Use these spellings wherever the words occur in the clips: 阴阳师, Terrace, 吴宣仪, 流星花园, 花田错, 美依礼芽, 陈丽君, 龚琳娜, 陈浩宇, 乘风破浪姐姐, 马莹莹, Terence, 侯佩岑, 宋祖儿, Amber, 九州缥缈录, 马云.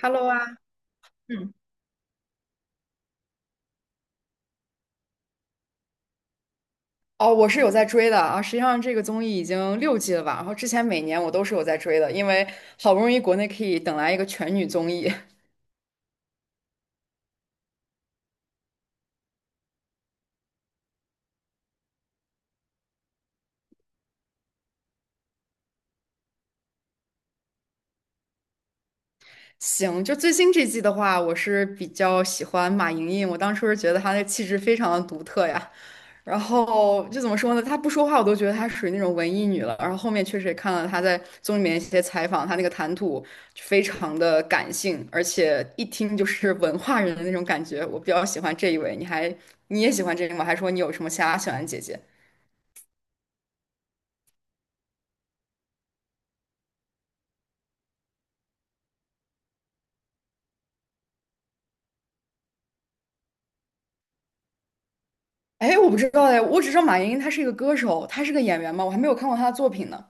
Hello 啊，嗯，哦，我是有在追的啊。实际上，这个综艺已经6季了吧？然后之前每年我都是有在追的，因为好不容易国内可以等来一个全女综艺。行，就最新这季的话，我是比较喜欢马莹莹，我当初是觉得她的气质非常的独特呀。然后就怎么说呢？她不说话，我都觉得她属于那种文艺女了。然后后面确实也看了她在综艺里面一些采访，她那个谈吐就非常的感性，而且一听就是文化人的那种感觉。我比较喜欢这一位，你也喜欢这个吗？还说你有什么其他喜欢的姐姐？哎，我不知道哎，我只知道马莹她是一个歌手，她是个演员吗？我还没有看过她的作品呢。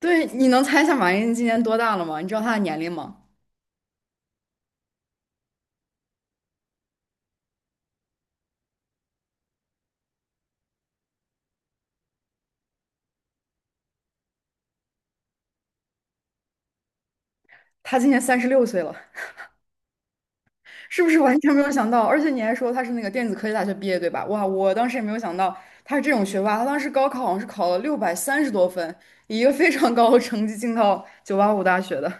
对，你能猜一下马莹今年多大了吗？你知道她的年龄吗？她今年36岁了。是不是完全没有想到？而且你还说他是那个电子科技大学毕业，对吧？哇，我当时也没有想到他是这种学霸。他当时高考好像是考了630多分，以一个非常高的成绩进到985大学的。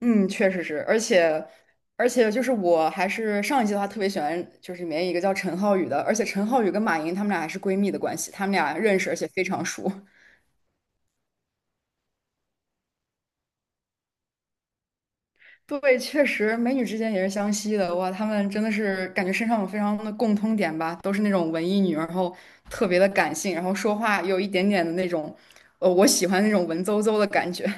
嗯，确实是，而且就是我还是上一季的话特别喜欢，就是里面一个叫陈浩宇的，而且陈浩宇跟马云他们俩还是闺蜜的关系，他们俩认识而且非常熟。对，确实，美女之间也是相吸的。哇，她们真的是感觉身上有非常的共通点吧，都是那种文艺女，然后特别的感性，然后说话有一点点的那种，我喜欢那种文绉绉的感觉。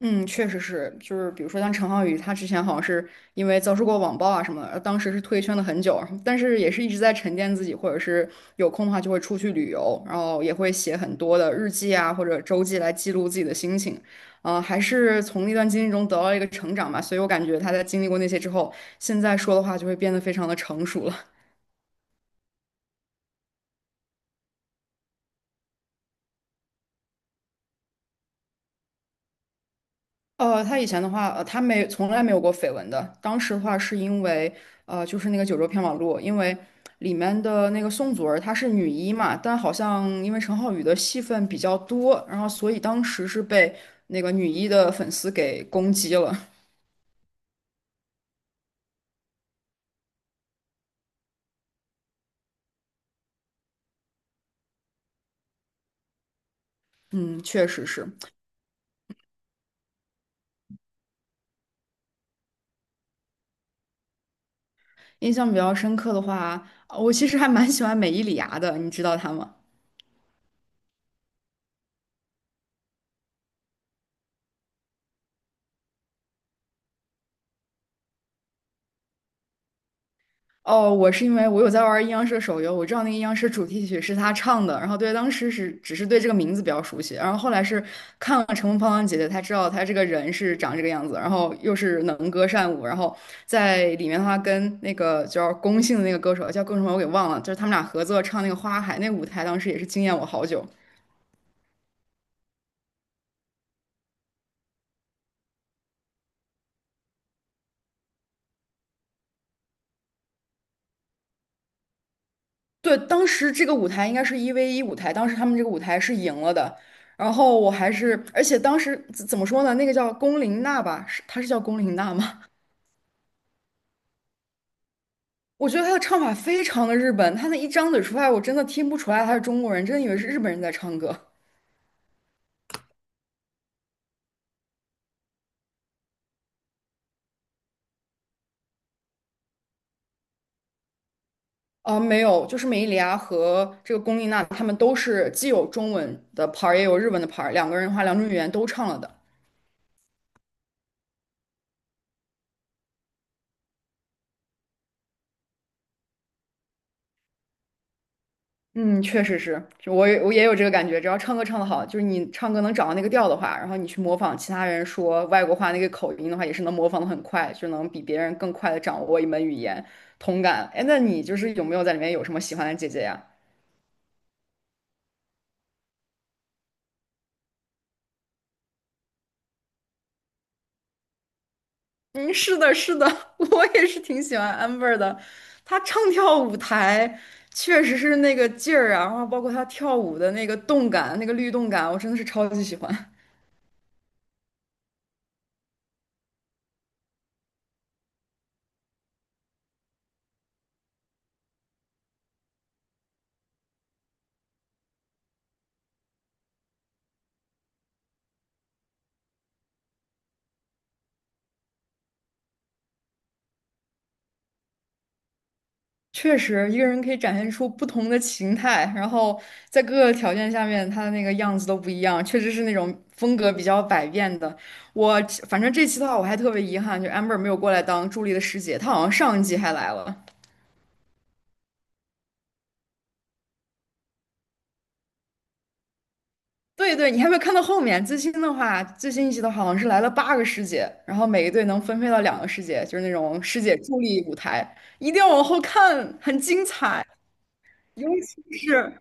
嗯，确实是，就是比如说像陈浩宇，他之前好像是因为遭受过网暴啊什么的，当时是退圈了很久，但是也是一直在沉淀自己，或者是有空的话就会出去旅游，然后也会写很多的日记啊或者周记来记录自己的心情，啊、还是从那段经历中得到了一个成长吧，所以我感觉他在经历过那些之后，现在说的话就会变得非常的成熟了。他以前的话，他没从来没有过绯闻的。当时的话，是因为就是那个《九州缥缈录》，因为里面的那个宋祖儿她是女一嘛，但好像因为陈浩宇的戏份比较多，然后所以当时是被那个女一的粉丝给攻击了。嗯，确实是。印象比较深刻的话，我其实还蛮喜欢美依礼芽的，你知道她吗？哦，我是因为我有在玩阴阳师的手游，我知道那个阴阳师主题曲是他唱的，然后对当时是只是对这个名字比较熟悉，然后后来是看了《乘风破浪姐姐》，才知道他这个人是长这个样子，然后又是能歌善舞，然后在里面的话跟那个叫龚姓的那个歌手叫龚什么我给忘了，就是他们俩合作唱那个《花海》，那个舞台当时也是惊艳我好久。对，当时这个舞台应该是1V1舞台，当时他们这个舞台是赢了的。然后我还是，而且当时怎么说呢？那个叫龚琳娜吧，是她是叫龚琳娜吗？我觉得他的唱法非常的日本，他那一张嘴出来，我真的听不出来他是中国人，真的以为是日本人在唱歌。啊、没有，就是美伊里亚和这个龚丽娜，他们都是既有中文的牌 a 也有日文的牌 a 两个人的话，两种语言都唱了的。嗯，确实是，就我也有这个感觉，只要唱歌唱得好，就是你唱歌能找到那个调的话，然后你去模仿其他人说外国话那个口音的话，也是能模仿的很快，就能比别人更快的掌握一门语言，同感。哎，那你就是有没有在里面有什么喜欢的姐姐呀？嗯，是的，是的，我也是挺喜欢 Amber 的。她唱跳舞台确实是那个劲儿啊，然后包括她跳舞的那个动感、那个律动感，我真的是超级喜欢。确实，一个人可以展现出不同的形态，然后在各个条件下面，他的那个样子都不一样，确实是那种风格比较百变的。我反正这期的话，我还特别遗憾，就 Amber 没有过来当助理的师姐，她好像上一季还来了。对对，你还没有看到后面，最新的话，最新一集的话好像是来了8个师姐，然后每一队能分配到2个师姐，就是那种师姐助力舞台，一定要往后看，很精彩。尤其是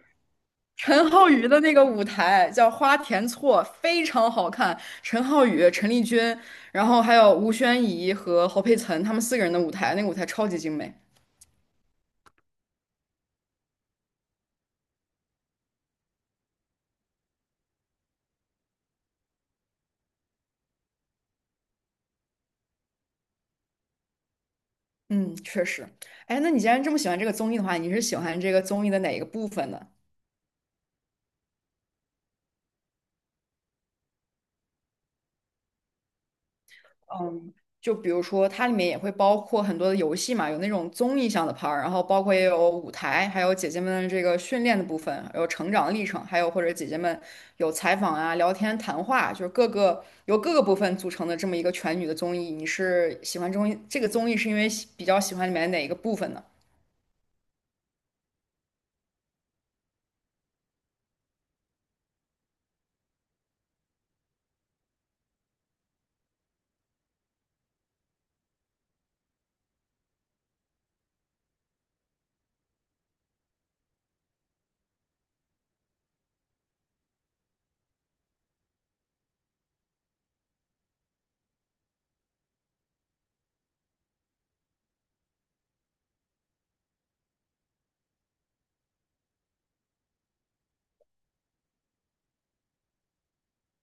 陈浩宇的那个舞台叫花田错，非常好看。陈浩宇、陈丽君，然后还有吴宣仪和侯佩岑，他们四个人的舞台，那个舞台超级精美。嗯，确实。哎，那你既然这么喜欢这个综艺的话，你是喜欢这个综艺的哪一个部分呢？就比如说，它里面也会包括很多的游戏嘛，有那种综艺向的 part,儿然后包括也有舞台，还有姐姐们的这个训练的部分，有成长历程，还有或者姐姐们有采访啊、聊天、谈话，就是各个由各个部分组成的这么一个全女的综艺。你是喜欢综艺这个综艺是因为比较喜欢里面哪一个部分呢？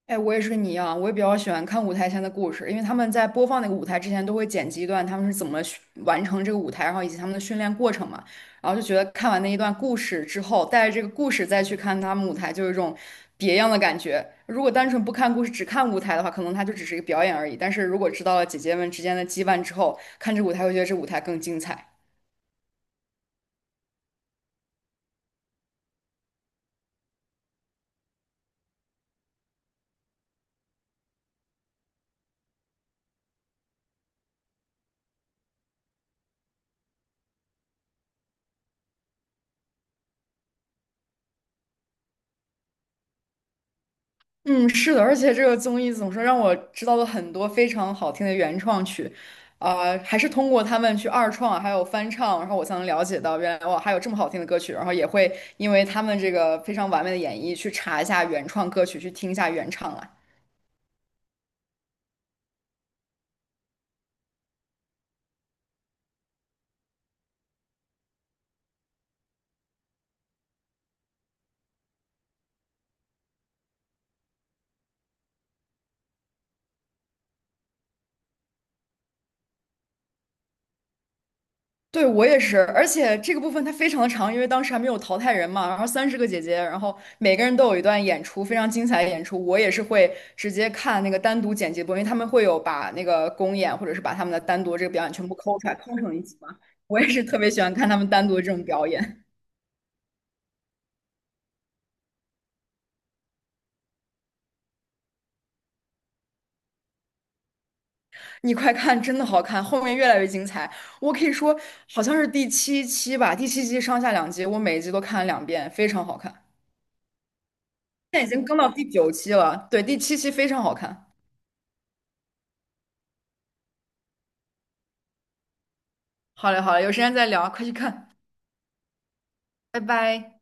哎，我也是跟你一样，我也比较喜欢看舞台前的故事，因为他们在播放那个舞台之前都会剪辑一段他们是怎么训完成这个舞台，然后以及他们的训练过程嘛，然后就觉得看完那一段故事之后，带着这个故事再去看他们舞台，就有一种别样的感觉。如果单纯不看故事，只看舞台的话，可能它就只是一个表演而已。但是如果知道了姐姐们之间的羁绊之后，看这舞台会觉得这舞台更精彩。嗯，是的，而且这个综艺怎么说，让我知道了很多非常好听的原创曲，啊、还是通过他们去二创，还有翻唱，然后我才能了解到原来哇，还有这么好听的歌曲，然后也会因为他们这个非常完美的演绎去查一下原创歌曲，去听一下原唱啊。对，我也是，而且这个部分它非常的长，因为当时还没有淘汰人嘛，然后30个姐姐，然后每个人都有一段演出，非常精彩的演出。我也是会直接看那个单独剪辑播，因为他们会有把那个公演或者是把他们的单独这个表演全部抠出来，抠成一集嘛。我也是特别喜欢看他们单独的这种表演。你快看，真的好看，后面越来越精彩。我可以说，好像是第七期吧，第七期上下两集，我每一集都看了2遍，非常好看。现在已经更到第9期了，对，第七期非常好看。好嘞，好嘞，有时间再聊，快去看，拜拜。